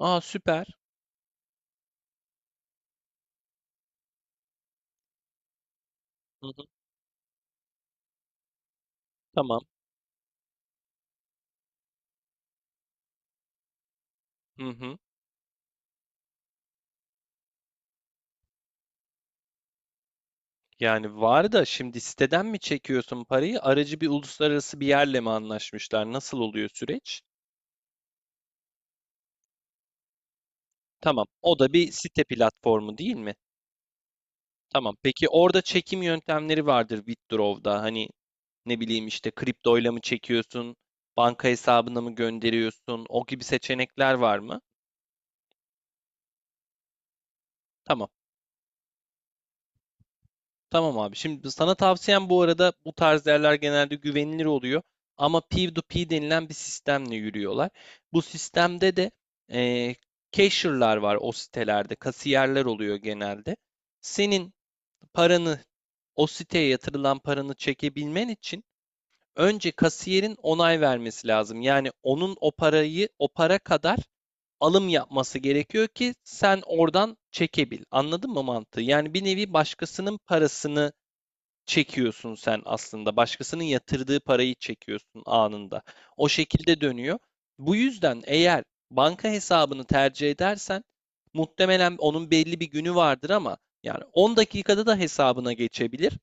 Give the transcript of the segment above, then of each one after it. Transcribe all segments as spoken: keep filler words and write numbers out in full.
Aa süper. Hı hı, tamam. Hı hı. Yani var da şimdi siteden mi çekiyorsun parayı? Aracı bir uluslararası bir yerle mi anlaşmışlar? Nasıl oluyor süreç? Tamam. O da bir site platformu değil mi? Tamam. Peki orada çekim yöntemleri vardır Withdraw'da. Hani ne bileyim işte kriptoyla mı çekiyorsun? Banka hesabına mı gönderiyorsun? O gibi seçenekler var mı? Tamam. Tamam abi. Şimdi sana tavsiyem bu arada bu tarz yerler genelde güvenilir oluyor. Ama P iki P denilen bir sistemle yürüyorlar. Bu sistemde de eee cashier'lar var o sitelerde. Kasiyerler oluyor genelde. Senin paranı o siteye yatırılan paranı çekebilmen için önce kasiyerin onay vermesi lazım. Yani onun o parayı o para kadar alım yapması gerekiyor ki sen oradan çekebil. Anladın mı mantığı? Yani bir nevi başkasının parasını çekiyorsun sen aslında. Başkasının yatırdığı parayı çekiyorsun anında. O şekilde dönüyor. Bu yüzden eğer banka hesabını tercih edersen muhtemelen onun belli bir günü vardır ama yani on dakikada da hesabına geçebilir.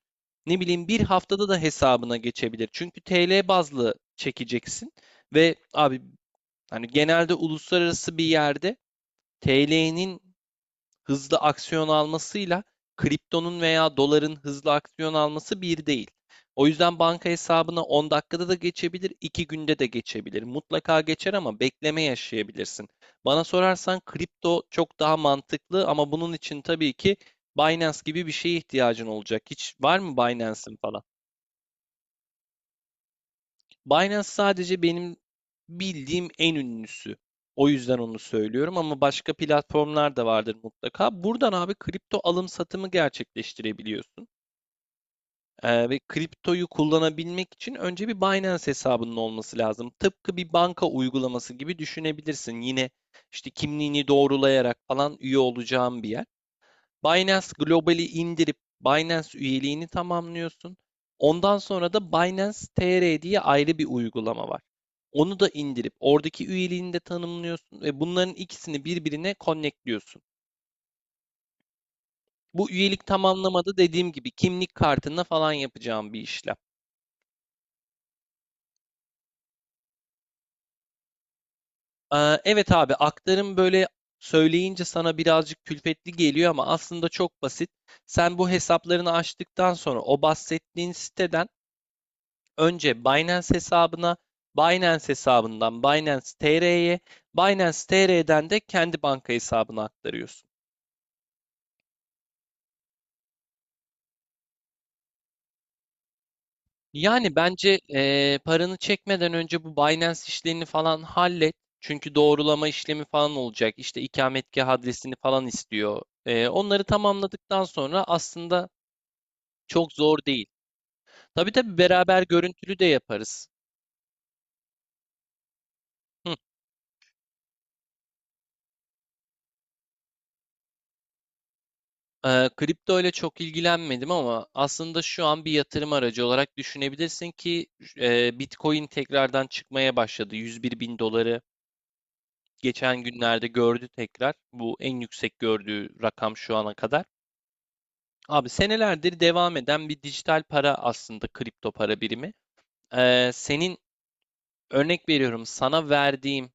Ne bileyim bir haftada da hesabına geçebilir. Çünkü T L bazlı çekeceksin ve abi hani genelde uluslararası bir yerde T L'nin hızlı aksiyon almasıyla kriptonun veya doların hızlı aksiyon alması bir değil. O yüzden banka hesabına on dakikada da geçebilir, iki günde de geçebilir. Mutlaka geçer ama bekleme yaşayabilirsin. Bana sorarsan kripto çok daha mantıklı ama bunun için tabii ki Binance gibi bir şeye ihtiyacın olacak. Hiç var mı Binance'in falan? Binance sadece benim bildiğim en ünlüsü. O yüzden onu söylüyorum ama başka platformlar da vardır mutlaka. Buradan abi kripto alım satımı gerçekleştirebiliyorsun. Ee, ve kriptoyu kullanabilmek için önce bir Binance hesabının olması lazım. Tıpkı bir banka uygulaması gibi düşünebilirsin. Yine işte kimliğini doğrulayarak falan üye olacağın bir yer. Binance Global'i indirip Binance üyeliğini tamamlıyorsun. Ondan sonra da Binance T R diye ayrı bir uygulama var. Onu da indirip oradaki üyeliğini de tanımlıyorsun ve bunların ikisini birbirine connectliyorsun. Bu üyelik tamamlamada dediğim gibi kimlik kartına falan yapacağım bir işlem. Ee, evet abi, aktarım böyle söyleyince sana birazcık külfetli geliyor ama aslında çok basit. Sen bu hesaplarını açtıktan sonra o bahsettiğin siteden önce Binance hesabına, Binance hesabından Binance T R'ye, Binance T R'den de kendi banka hesabına aktarıyorsun. Yani bence eee, paranı çekmeden önce bu Binance işlerini falan hallet. Çünkü doğrulama işlemi falan olacak. İşte ikametgah adresini falan istiyor. Eee, onları tamamladıktan sonra aslında çok zor değil. Tabii tabii, beraber görüntülü de yaparız. Hı. Eee, kripto ile çok ilgilenmedim ama aslında şu an bir yatırım aracı olarak düşünebilirsin ki eee, Bitcoin tekrardan çıkmaya başladı. 101 bin doları geçen günlerde gördü tekrar. Bu en yüksek gördüğü rakam şu ana kadar. Abi senelerdir devam eden bir dijital para aslında kripto para birimi. Eee, senin, örnek veriyorum, sana verdiğim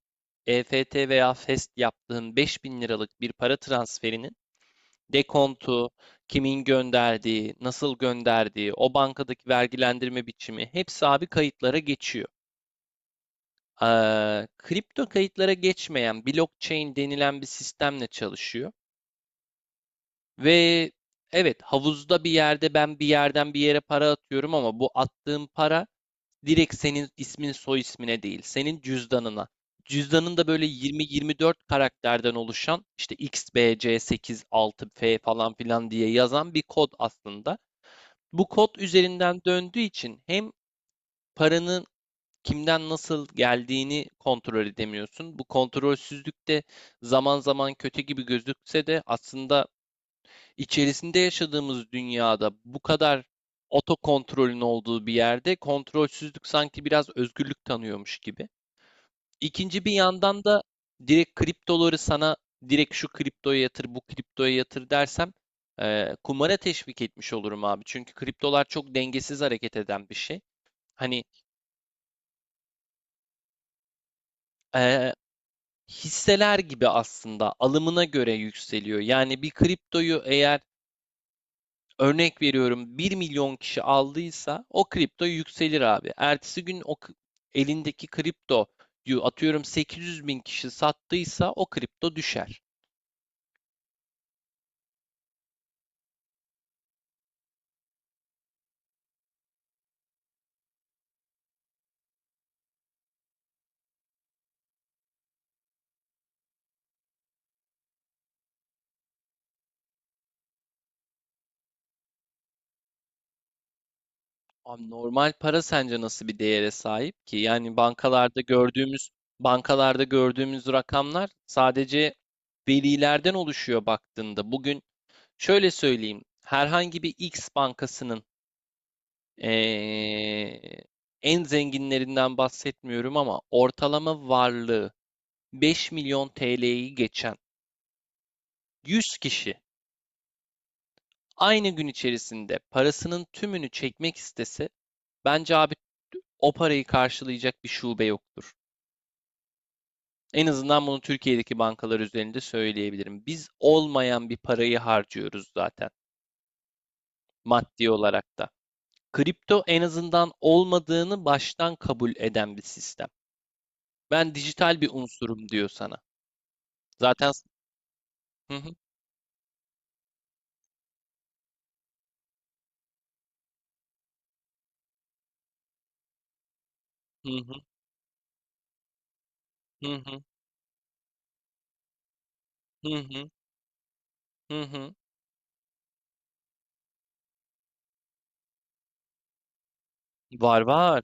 E F T veya FEST yaptığın beş bin liralık bir para transferinin dekontu, kimin gönderdiği, nasıl gönderdiği, o bankadaki vergilendirme biçimi hepsi abi kayıtlara geçiyor. Eee, kripto kayıtlara geçmeyen blockchain denilen bir sistemle çalışıyor ve evet, havuzda bir yerde ben bir yerden bir yere para atıyorum ama bu attığım para direkt senin ismin soy ismine değil, senin cüzdanına. Cüzdanın da böyle yirmi yirmi dört karakterden oluşan, işte X B C seksen altı F falan filan diye yazan bir kod aslında. Bu kod üzerinden döndüğü için hem paranın kimden nasıl geldiğini kontrol edemiyorsun. Bu kontrolsüzlük de zaman zaman kötü gibi gözükse de aslında içerisinde yaşadığımız dünyada bu kadar otokontrolün olduğu bir yerde kontrolsüzlük sanki biraz özgürlük tanıyormuş gibi. İkinci bir yandan da direkt kriptoları sana, direkt şu kriptoya yatır, bu kriptoya yatır dersem eee kumara teşvik etmiş olurum abi. Çünkü kriptolar çok dengesiz hareket eden bir şey. Hani eee, hisseler gibi aslında alımına göre yükseliyor. Yani bir kriptoyu eğer, örnek veriyorum, bir milyon kişi aldıysa o kripto yükselir abi. Ertesi gün o elindeki kripto, atıyorum, 800 bin kişi sattıysa o kripto düşer. Abi normal para sence nasıl bir değere sahip ki? Yani bankalarda gördüğümüz bankalarda gördüğümüz rakamlar sadece verilerden oluşuyor baktığında. Bugün şöyle söyleyeyim: herhangi bir X bankasının eee, en zenginlerinden bahsetmiyorum ama ortalama varlığı beş milyon T L'yi geçen yüz kişi aynı gün içerisinde parasının tümünü çekmek istese, bence abi o parayı karşılayacak bir şube yoktur. En azından bunu Türkiye'deki bankalar üzerinde söyleyebilirim. Biz olmayan bir parayı harcıyoruz zaten, maddi olarak da. Kripto en azından olmadığını baştan kabul eden bir sistem. Ben dijital bir unsurum diyor sana. Zaten. Hı hı, hı hı, hı hı, hı hı. Var var.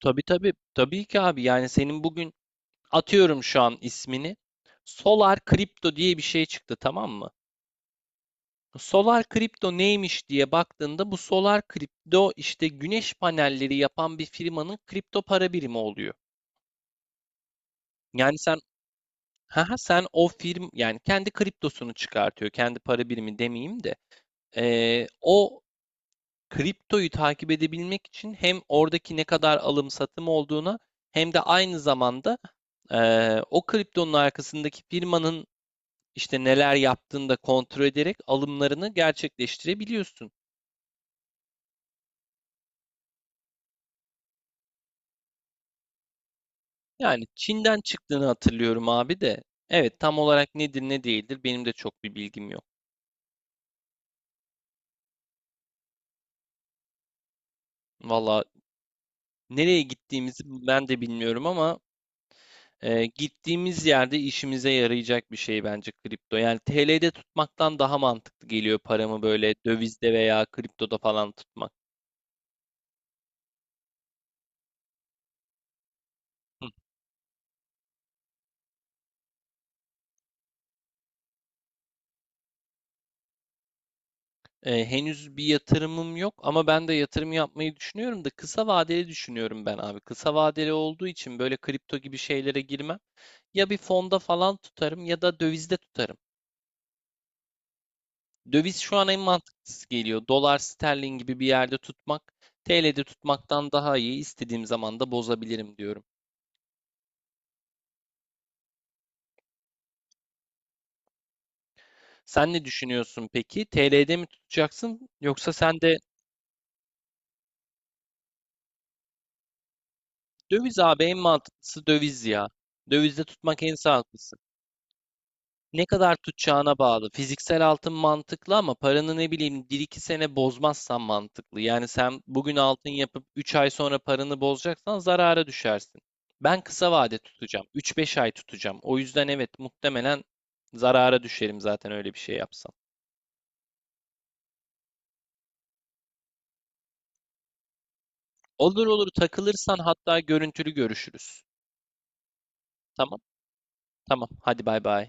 Tabii tabii. Tabii ki abi. Yani senin bugün, atıyorum şu an ismini, Solar Crypto diye bir şey çıktı, tamam mı? Solar Crypto neymiş diye baktığında bu Solar Crypto işte güneş panelleri yapan bir firmanın kripto para birimi oluyor. Yani sen haha, sen o firm, yani kendi kriptosunu çıkartıyor. Kendi para birimi demeyeyim de. Ee, o kriptoyu takip edebilmek için hem oradaki ne kadar alım satım olduğuna hem de aynı zamanda eee, o kriptonun arkasındaki firmanın işte neler yaptığını da kontrol ederek alımlarını gerçekleştirebiliyorsun. Yani Çin'den çıktığını hatırlıyorum abi de. Evet, tam olarak nedir ne değildir benim de çok bir bilgim yok. Valla nereye gittiğimizi ben de bilmiyorum ama e, gittiğimiz yerde işimize yarayacak bir şey bence kripto. Yani T L'de tutmaktan daha mantıklı geliyor, paramı böyle dövizde veya kriptoda falan tutmak. Eee, henüz bir yatırımım yok ama ben de yatırım yapmayı düşünüyorum da kısa vadeli düşünüyorum ben abi. Kısa vadeli olduğu için böyle kripto gibi şeylere girmem. Ya bir fonda falan tutarım ya da dövizde tutarım. Döviz şu an en mantıklısı geliyor. Dolar, sterlin gibi bir yerde tutmak, T L'de tutmaktan daha iyi. İstediğim zaman da bozabilirim diyorum. Sen ne düşünüyorsun peki? T L'de mi tutacaksın yoksa sen de döviz? Abi en mantıklısı döviz ya. Dövizde tutmak en sağlıklısı. Ne kadar tutacağına bağlı. Fiziksel altın mantıklı ama paranı ne bileyim bir iki sene bozmazsan mantıklı. Yani sen bugün altın yapıp üç ay sonra paranı bozacaksan zarara düşersin. Ben kısa vade tutacağım. Üç beş ay tutacağım. O yüzden evet, muhtemelen zarara düşerim zaten öyle bir şey yapsam. Olur olur, takılırsan hatta görüntülü görüşürüz. Tamam tamam, hadi bay bay.